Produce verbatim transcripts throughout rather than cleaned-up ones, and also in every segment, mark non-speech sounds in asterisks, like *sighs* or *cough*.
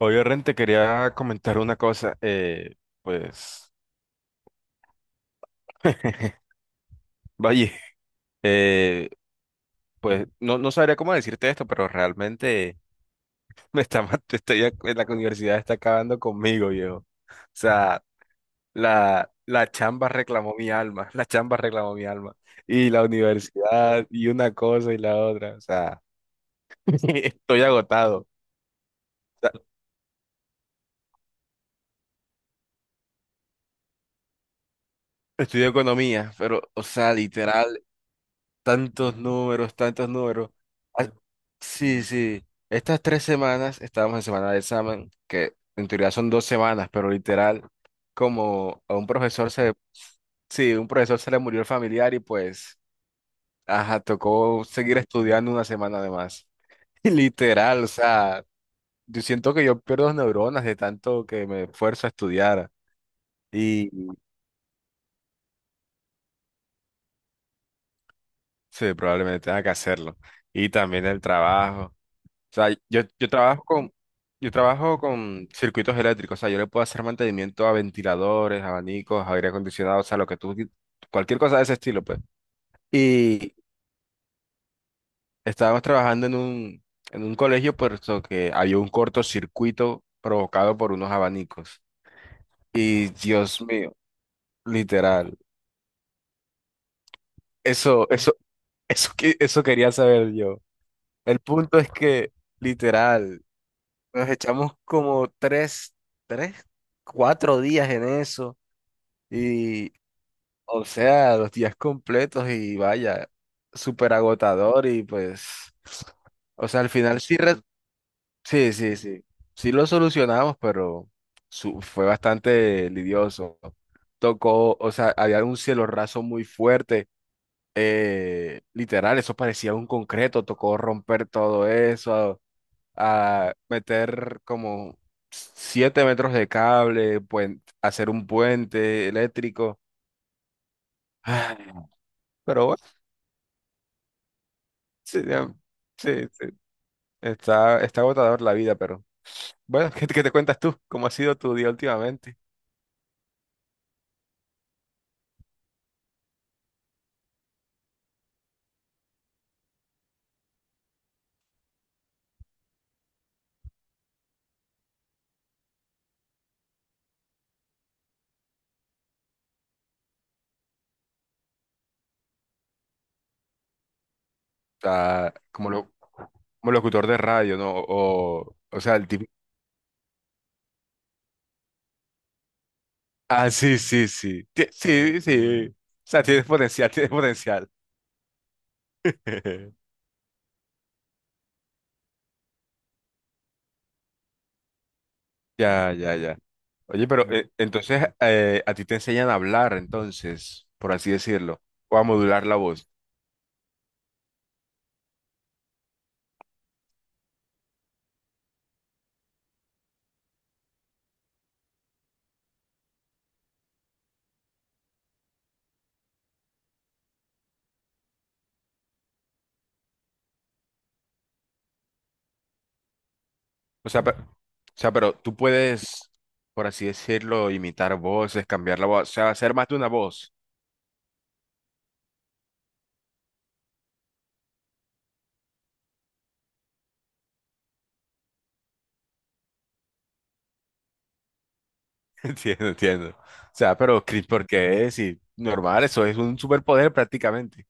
Oye, Ren, te quería comentar una cosa. eh, pues, Vaya. *laughs* eh, pues no, no sabría cómo decirte esto, pero realmente *laughs* me está, mat- *laughs* estoy, ac- la universidad está acabando conmigo, viejo. O sea, la, la chamba reclamó mi alma, *laughs* la chamba reclamó mi alma. Y la universidad, y una cosa y la otra. O sea, *laughs* estoy agotado. O sea, estudio economía, pero, o sea, literal. Tantos números, tantos números. Ah, sí, sí. Estas tres semanas, estábamos en semana de examen, que en teoría son dos semanas, pero literal, como a un profesor se, sí, un profesor se le murió el familiar y pues, ajá, tocó seguir estudiando una semana de más. *laughs* Literal, o sea, yo siento que yo pierdo neuronas de tanto que me esfuerzo a estudiar y sí, probablemente tenga que hacerlo. Y también el trabajo. O sea, yo, yo trabajo con, yo trabajo con circuitos eléctricos, o sea, yo le puedo hacer mantenimiento a ventiladores, abanicos, aire acondicionado, o sea, lo que tú, cualquier cosa de ese estilo, pues. Y estábamos trabajando en un, en un colegio, puesto que había un cortocircuito provocado por unos abanicos. Y Dios mío, literal, eso, eso, eso, que- eso quería saber yo. El punto es que, literal, nos echamos como tres, tres, cuatro días en eso. Y, o sea, los días completos y vaya, súper agotador y pues, o sea, al final sí, re- sí, sí, sí, sí lo solucionamos, pero su- fue bastante lidioso. Tocó, o sea, había un cielo raso muy fuerte, eh, literal, eso parecía un concreto, tocó romper todo eso, a, meter como siete metros de cable, puen- hacer un puente eléctrico. *sighs* Pero bueno, sí, ya, sí, sí. Está, está agotador la vida, pero bueno, *laughs* ¿qué, te qué te cuentas tú? ¿Cómo ha sido tu día últimamente? Ah, como, lo, ¿Como locutor de radio, no? O, o sea, el tipo... Ah, sí, sí, sí. Ti- Sí, sí. O sea, tienes potencial, tienes potencial. *laughs* Ya, ya, ya. Oye, pero eh, entonces eh, a ti te enseñan a hablar, entonces, por así decirlo, o a modular la voz. O sea, pe- o sea, ¿Pero tú puedes, por así decirlo, imitar voces, cambiar la voz, o sea, hacer más de una voz? *laughs* Entiendo, entiendo. O sea, pero Chris, ¿por qué es normal? Eso es un superpoder prácticamente.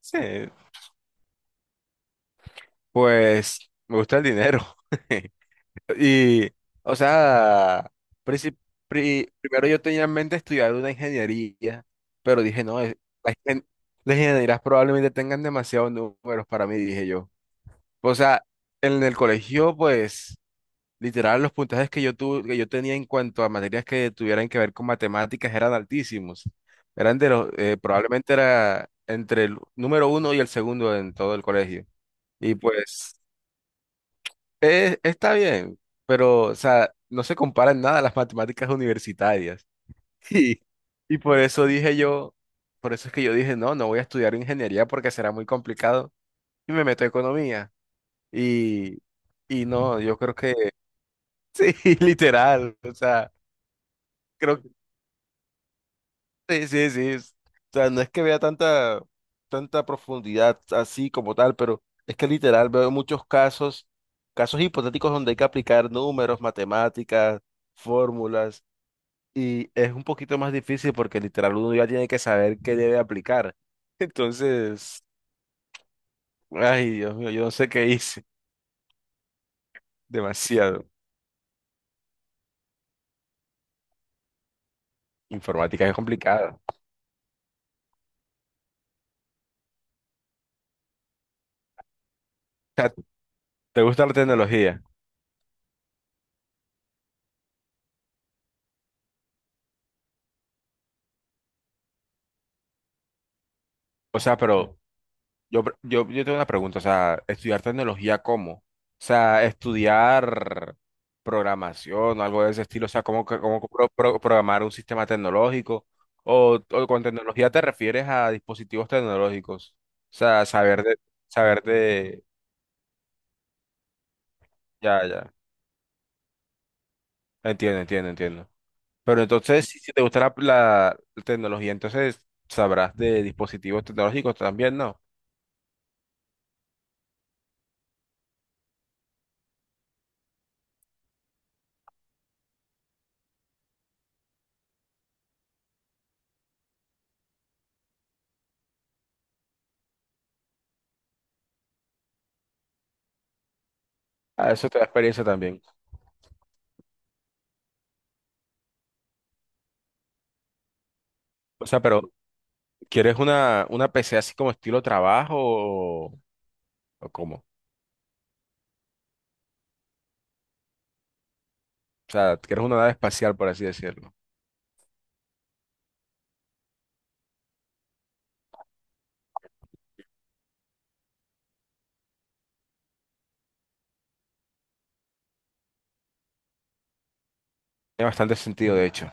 Sí, pues me gusta el dinero. *laughs* Y, o sea, princip- pri- primero yo tenía en mente estudiar una ingeniería, pero dije, no, es- la ingen- las ingenierías probablemente tengan demasiados números para mí, dije yo. O sea, en el colegio, pues... Literal, los puntajes que yo tuve, que yo tenía en cuanto a materias que tuvieran que ver con matemáticas eran altísimos. Eran de los, eh, probablemente era entre el número uno y el segundo en todo el colegio. Y pues, eh, está bien, pero, o sea, no se comparan nada a las matemáticas universitarias. *laughs* Y, y por eso dije yo, por eso es que yo dije, no, no voy a estudiar ingeniería porque será muy complicado. Y me meto a economía. Y, y no, yo creo que, *laughs* sí, literal, o sea. Creo Sí, sí, sí. es- O sea, no es que vea tanta, tanta profundidad así como tal, pero es que literal veo muchos casos, casos hipotéticos donde hay que aplicar números, matemáticas, fórmulas, y es un poquito más difícil porque literal uno ya tiene que saber qué debe aplicar. *laughs* Entonces, ay, Dios mío, yo no sé qué hice. Demasiado. Informática es complicada. O sea, ¿te gusta la tecnología? O sea, pero Yo, pre- yo, yo tengo una pregunta, o sea, ¿estudiar tecnología cómo? O sea, ¿estudiar programación o algo de ese estilo, o sea, cómo, que- cómo pro- pro- programar un sistema tecnológico? O, o con tecnología te refieres a dispositivos tecnológicos, o sea, saber de, saber de, ya, ya, entiendo, entiendo, entiendo. Pero entonces, si si te gusta la, la tecnología, entonces sabrás de dispositivos tecnológicos también, ¿no? Ah, eso te da experiencia también. O sea, pero... ¿Quieres una, una P C así como estilo trabajo, o, o cómo? O sea, ¿quieres una nave espacial, por así decirlo? Tiene bastante sentido, de hecho.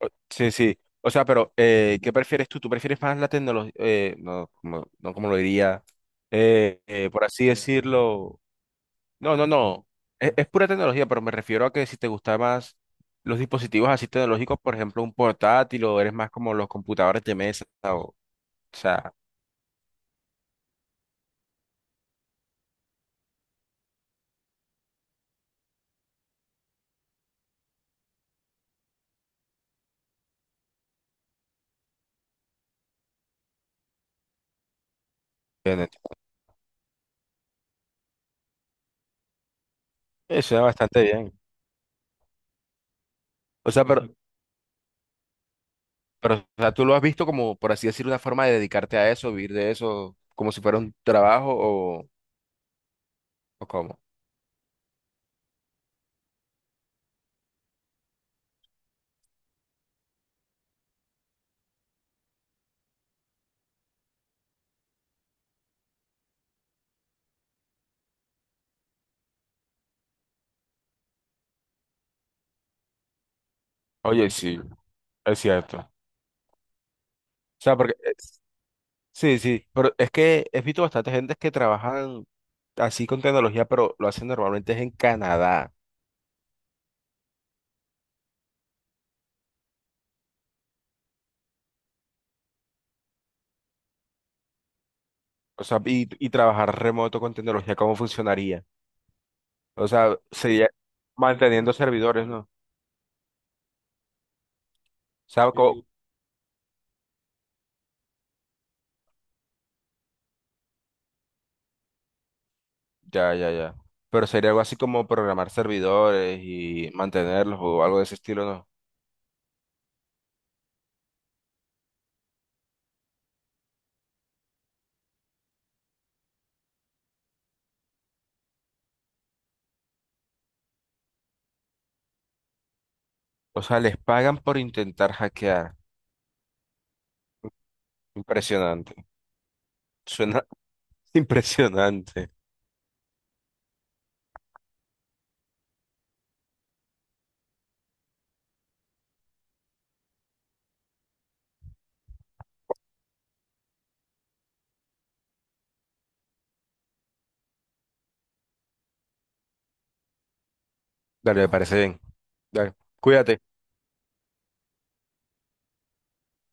O- Sí, sí. O sea, pero eh, ¿qué prefieres tú? ¿Tú prefieres más la tecnología? No, como, no como lo diría, eh, eh, Por así decirlo. No, no, no. Es, es pura tecnología, pero me refiero a que si te gustan más los dispositivos así tecnológicos, por ejemplo, un portátil, o eres más como los computadores de mesa. O, o sea, bien, eso es bastante bien. O sea, pero... Pero, o sea, ¿tú lo has visto como, por así decir, una forma de dedicarte a eso, vivir de eso, como si fuera un trabajo, o, o cómo? Oye, sí, es cierto. O sea, porque es- sí, sí, pero es que he visto bastante gente que trabajan así con tecnología, pero lo hacen normalmente es en Canadá. O sea, ¿y, y trabajar remoto con tecnología, cómo funcionaría? O sea, ¿sería manteniendo servidores, no? O sea, co- sí. Ya, ya, ya. Pero sería algo así como programar servidores y mantenerlos o algo de ese estilo, ¿no? O sea, ¿les pagan por intentar hackear? Impresionante. Suena *laughs* impresionante. Dale, me parece bien. Dale, cuídate.